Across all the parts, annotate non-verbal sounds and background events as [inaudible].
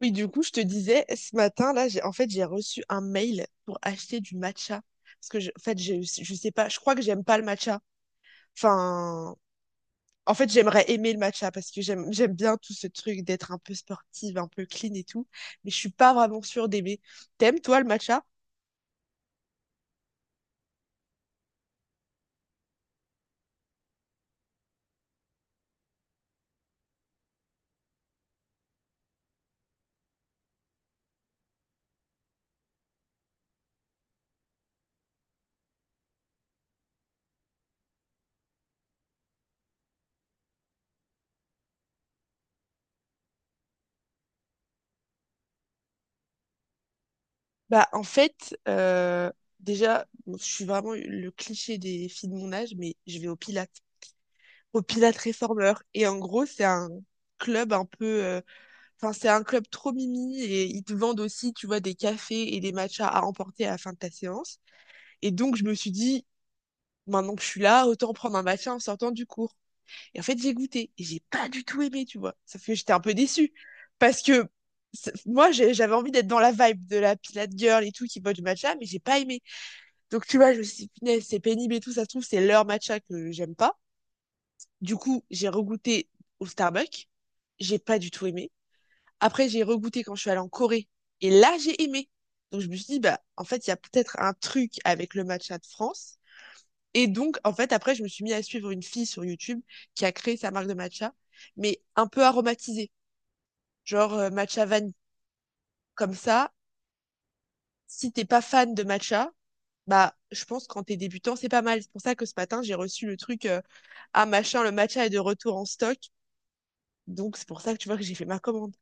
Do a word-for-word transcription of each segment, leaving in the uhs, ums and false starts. Oui, du coup, je te disais, ce matin, là, j'ai, en fait, j'ai reçu un mail pour acheter du matcha. Parce que, je, en fait, je, je sais pas, je crois que j'aime pas le matcha. Enfin, en fait, J'aimerais aimer le matcha parce que j'aime, j'aime bien tout ce truc d'être un peu sportive, un peu clean et tout. Mais je suis pas vraiment sûre d'aimer. T'aimes, toi, le matcha? Bah, en fait, euh, déjà, bon, je suis vraiment le cliché des filles de mon âge, mais je vais au Pilates. Au Pilates Réformeur. Et en gros, c'est un club un peu euh, Enfin, c'est un club trop mimi et ils te vendent aussi, tu vois, des cafés et des matchas à emporter à la fin de ta séance. Et donc, je me suis dit, maintenant que je suis là, autant prendre un matcha en sortant du cours. Et en fait, j'ai goûté et j'ai pas du tout aimé, tu vois. Ça fait que j'étais un peu déçue parce que c'est- moi, j'ai- j'avais envie d'être dans la vibe de la Pilate Girl et tout qui boit du matcha, mais j'ai pas aimé. Donc, tu vois, je me suis dit, punaise, c'est pénible et tout, ça se trouve, c'est leur matcha que j'aime pas. Du coup, j'ai regoûté au Starbucks. J'ai pas du tout aimé. Après, j'ai regoûté quand je suis allée en Corée. Et là, j'ai aimé. Donc, je me suis dit, bah, en fait, il y a peut-être un truc avec le matcha de France. Et donc, en fait, après, je me suis mis à suivre une fille sur YouTube qui a créé sa marque de matcha, mais un peu aromatisée, genre euh, matcha vanille. Comme ça, si t'es pas fan de matcha, bah, je pense quand t'es débutant, c'est pas mal. C'est pour ça que ce matin, j'ai reçu le truc, euh, ah, machin, le matcha est de retour en stock. Donc, c'est pour ça que tu vois que j'ai fait ma commande.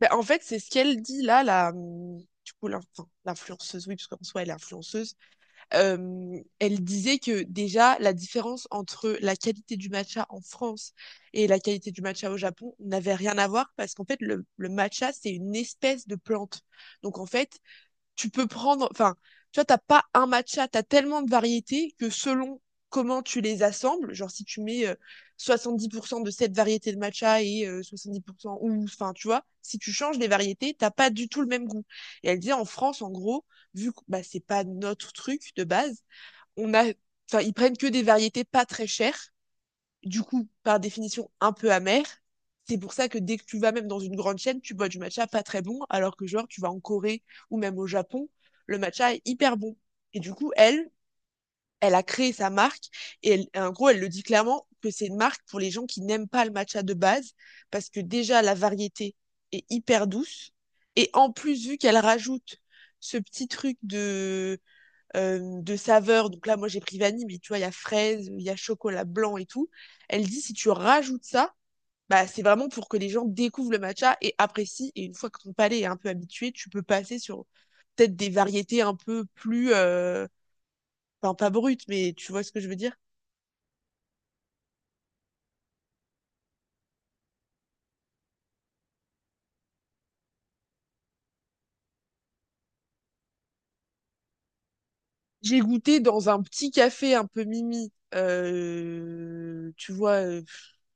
Ben, en fait, c'est ce qu'elle dit là, la, hum, du coup, l'in- enfin, l'influenceuse, oui, parce qu'en soi, elle est influenceuse. Euh, elle disait que déjà, la différence entre la qualité du matcha en France et la qualité du matcha au Japon n'avait rien à voir parce qu'en fait, le, le matcha, c'est une espèce de plante. Donc, en fait, tu peux prendre, enfin, tu vois, t'as pas un matcha, t'as tellement de variétés que selon comment tu les assembles, genre si tu mets euh, soixante-dix pour cent de cette variété de matcha et euh, soixante-dix pour cent ou, enfin, tu vois, si tu changes les variétés, t'as pas du tout le même goût. Et elle disait en France, en gros, vu que bah, c'est pas notre truc de base, on a, enfin, ils prennent que des variétés pas très chères, du coup, par définition, un peu amer. C'est pour ça que dès que tu vas même dans une grande chaîne, tu bois du matcha pas très bon, alors que genre, tu vas en Corée ou même au Japon, le matcha est hyper bon. Et du coup, elle, elle a créé sa marque et elle- en gros, elle le dit clairement que c'est une marque pour les gens qui n'aiment pas le matcha de base, parce que déjà, la variété est hyper douce. Et en plus, vu qu'elle rajoute ce petit truc de euh, de saveurs. Donc là, moi, j'ai pris vanille, mais tu vois, il y a fraise, il y a chocolat blanc et tout. Elle dit, si tu rajoutes ça, bah, c'est vraiment pour que les gens découvrent le matcha et apprécient. Et une fois que ton palais est un peu habitué, tu peux passer sur peut-être des variétés un peu plus, euh, enfin, pas brutes, mais tu vois ce que je veux dire? J'ai goûté dans un petit café un peu mimi, euh, tu vois, euh,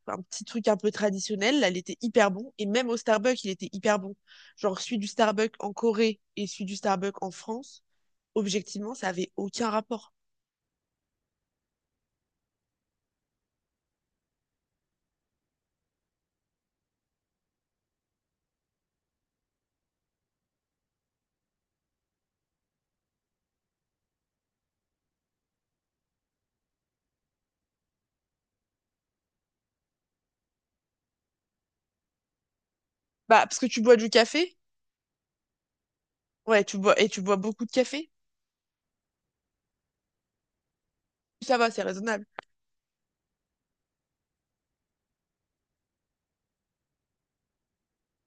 un petit truc un peu traditionnel. Là, il était hyper bon. Et même au Starbucks, il était hyper bon. Genre, celui du Starbucks en Corée et celui du Starbucks en France, objectivement, ça avait aucun rapport. Bah, parce que tu bois du café, ouais, tu bois, et tu bois beaucoup de café, ça va, c'est raisonnable.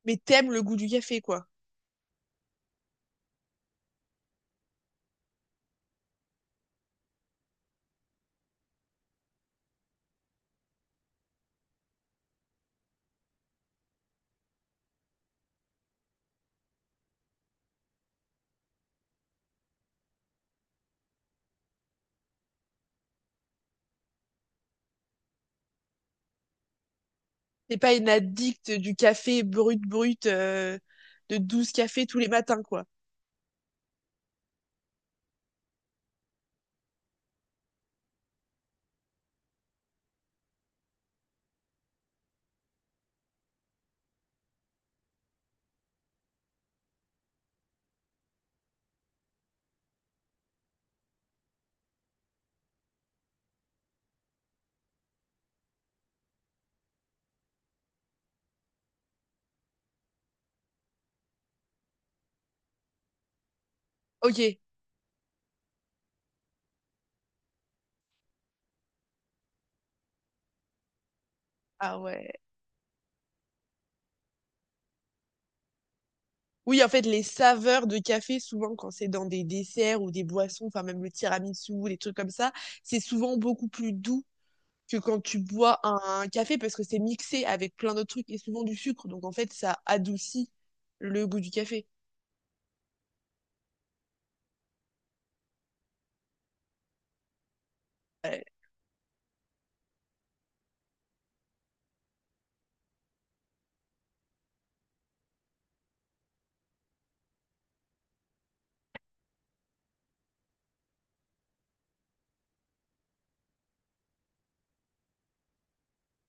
Mais t'aimes le goût du café, quoi. T'es pas une addict du café brut, brut, euh, de douze cafés tous les matins, quoi. Ok. Ah ouais. Oui, en fait, les saveurs de café, souvent, quand c'est dans des desserts ou des boissons, enfin, même le tiramisu, les trucs comme ça, c'est souvent beaucoup plus doux que quand tu bois un, un café parce que c'est mixé avec plein d'autres trucs et souvent du sucre. Donc, en fait, ça adoucit le goût du café.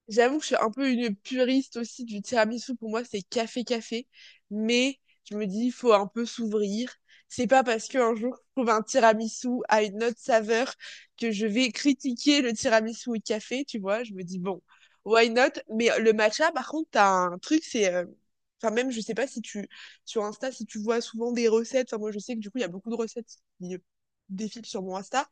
J'avoue que je suis un peu une puriste aussi du tiramisu. Pour moi, c'est café-café. Mais je me dis, il faut un peu s'ouvrir. C'est pas parce qu'un jour, je trouve un tiramisu à une autre saveur que je vais critiquer le tiramisu au café, tu vois. Je me dis, bon, why not? Mais le matcha, par contre, t'as un truc, c'est... euh, Enfin, même, je sais pas si tu... Sur Insta, si tu vois souvent des recettes. Enfin, moi, je sais que du coup, il y a beaucoup de recettes qui défilent sur mon Insta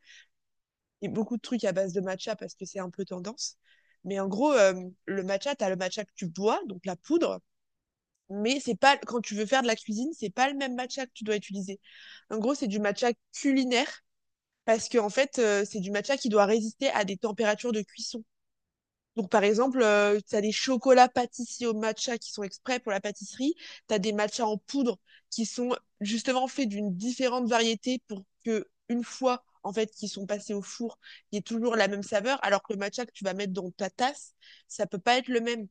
et beaucoup de trucs à base de matcha parce que c'est un peu tendance. Mais en gros, euh, le matcha, tu as le matcha que tu bois, donc la poudre, mais c'est pas quand tu veux faire de la cuisine, c'est pas le même matcha que tu dois utiliser. En gros, c'est du matcha culinaire parce que en fait, euh, c'est du matcha qui doit résister à des températures de cuisson, donc, par exemple, euh, tu as des chocolats pâtissiers au matcha qui sont exprès pour la pâtisserie. Tu as des matchas en poudre qui sont justement faits d'une différente variété pour que, une fois, en fait, qu'ils sont passés au four, il y ait toujours la même saveur. Alors que le matcha que tu vas mettre dans ta tasse, ça peut pas être le même.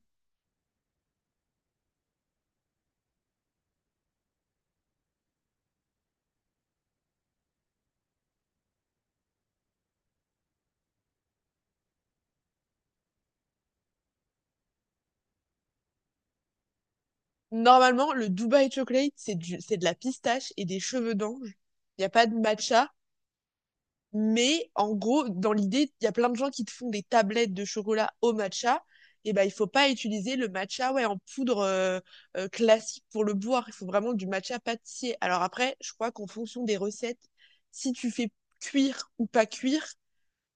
Normalement, le Dubai Chocolate, c'est du, c'est de la pistache et des cheveux d'ange. Il n'y a pas de matcha. Mais en gros, dans l'idée, il y a plein de gens qui te font des tablettes de chocolat au matcha. Et ben, il faut pas utiliser le matcha ouais, en poudre euh, euh, classique pour le boire. Il faut vraiment du matcha pâtissier. Alors après, je crois qu'en fonction des recettes, si tu fais cuire ou pas cuire,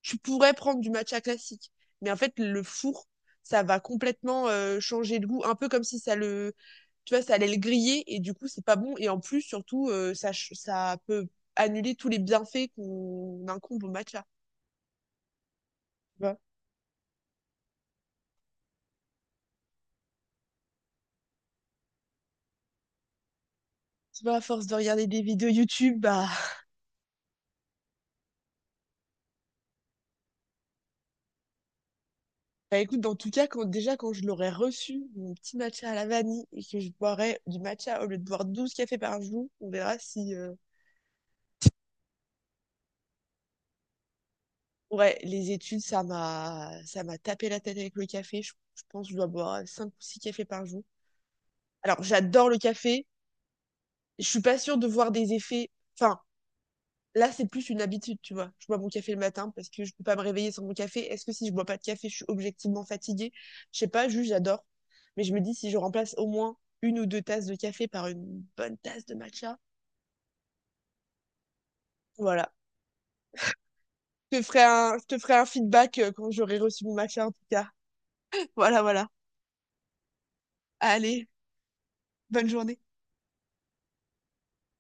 tu pourrais prendre du matcha classique. Mais en fait, le four, ça va complètement euh, changer le goût, un peu comme si ça le, tu vois, ça allait le griller et du coup, c'est pas bon. Et en plus, surtout, euh, ça, ch- ça peut annuler tous les bienfaits qu'on incombe au matcha. Tu vois, Tu vois, à force de regarder des vidéos YouTube, bah, [laughs] bah écoute, en tout cas, quand, déjà, quand je l'aurais reçu, mon petit matcha à la vanille, et que je boirais du matcha au lieu de boire douze cafés par jour, on verra si, euh, ouais, les études, ça m'a ça m'a tapé la tête avec le café. Je, je pense que je dois boire cinq ou six cafés par jour. Alors, j'adore le café. Je suis pas sûre de voir des effets. Enfin, là, c'est plus une habitude, tu vois. Je bois mon café le matin parce que je peux pas me réveiller sans mon café. Est-ce que si je bois pas de café, je suis objectivement fatiguée? Je sais pas, juste j'adore. Mais je me dis si je remplace au moins une ou deux tasses de café par une bonne tasse de matcha, voilà. Je te ferai un, je te ferai un feedback euh, quand j'aurai reçu mon matcha, en tout cas. [laughs] Voilà, voilà. Allez, bonne journée.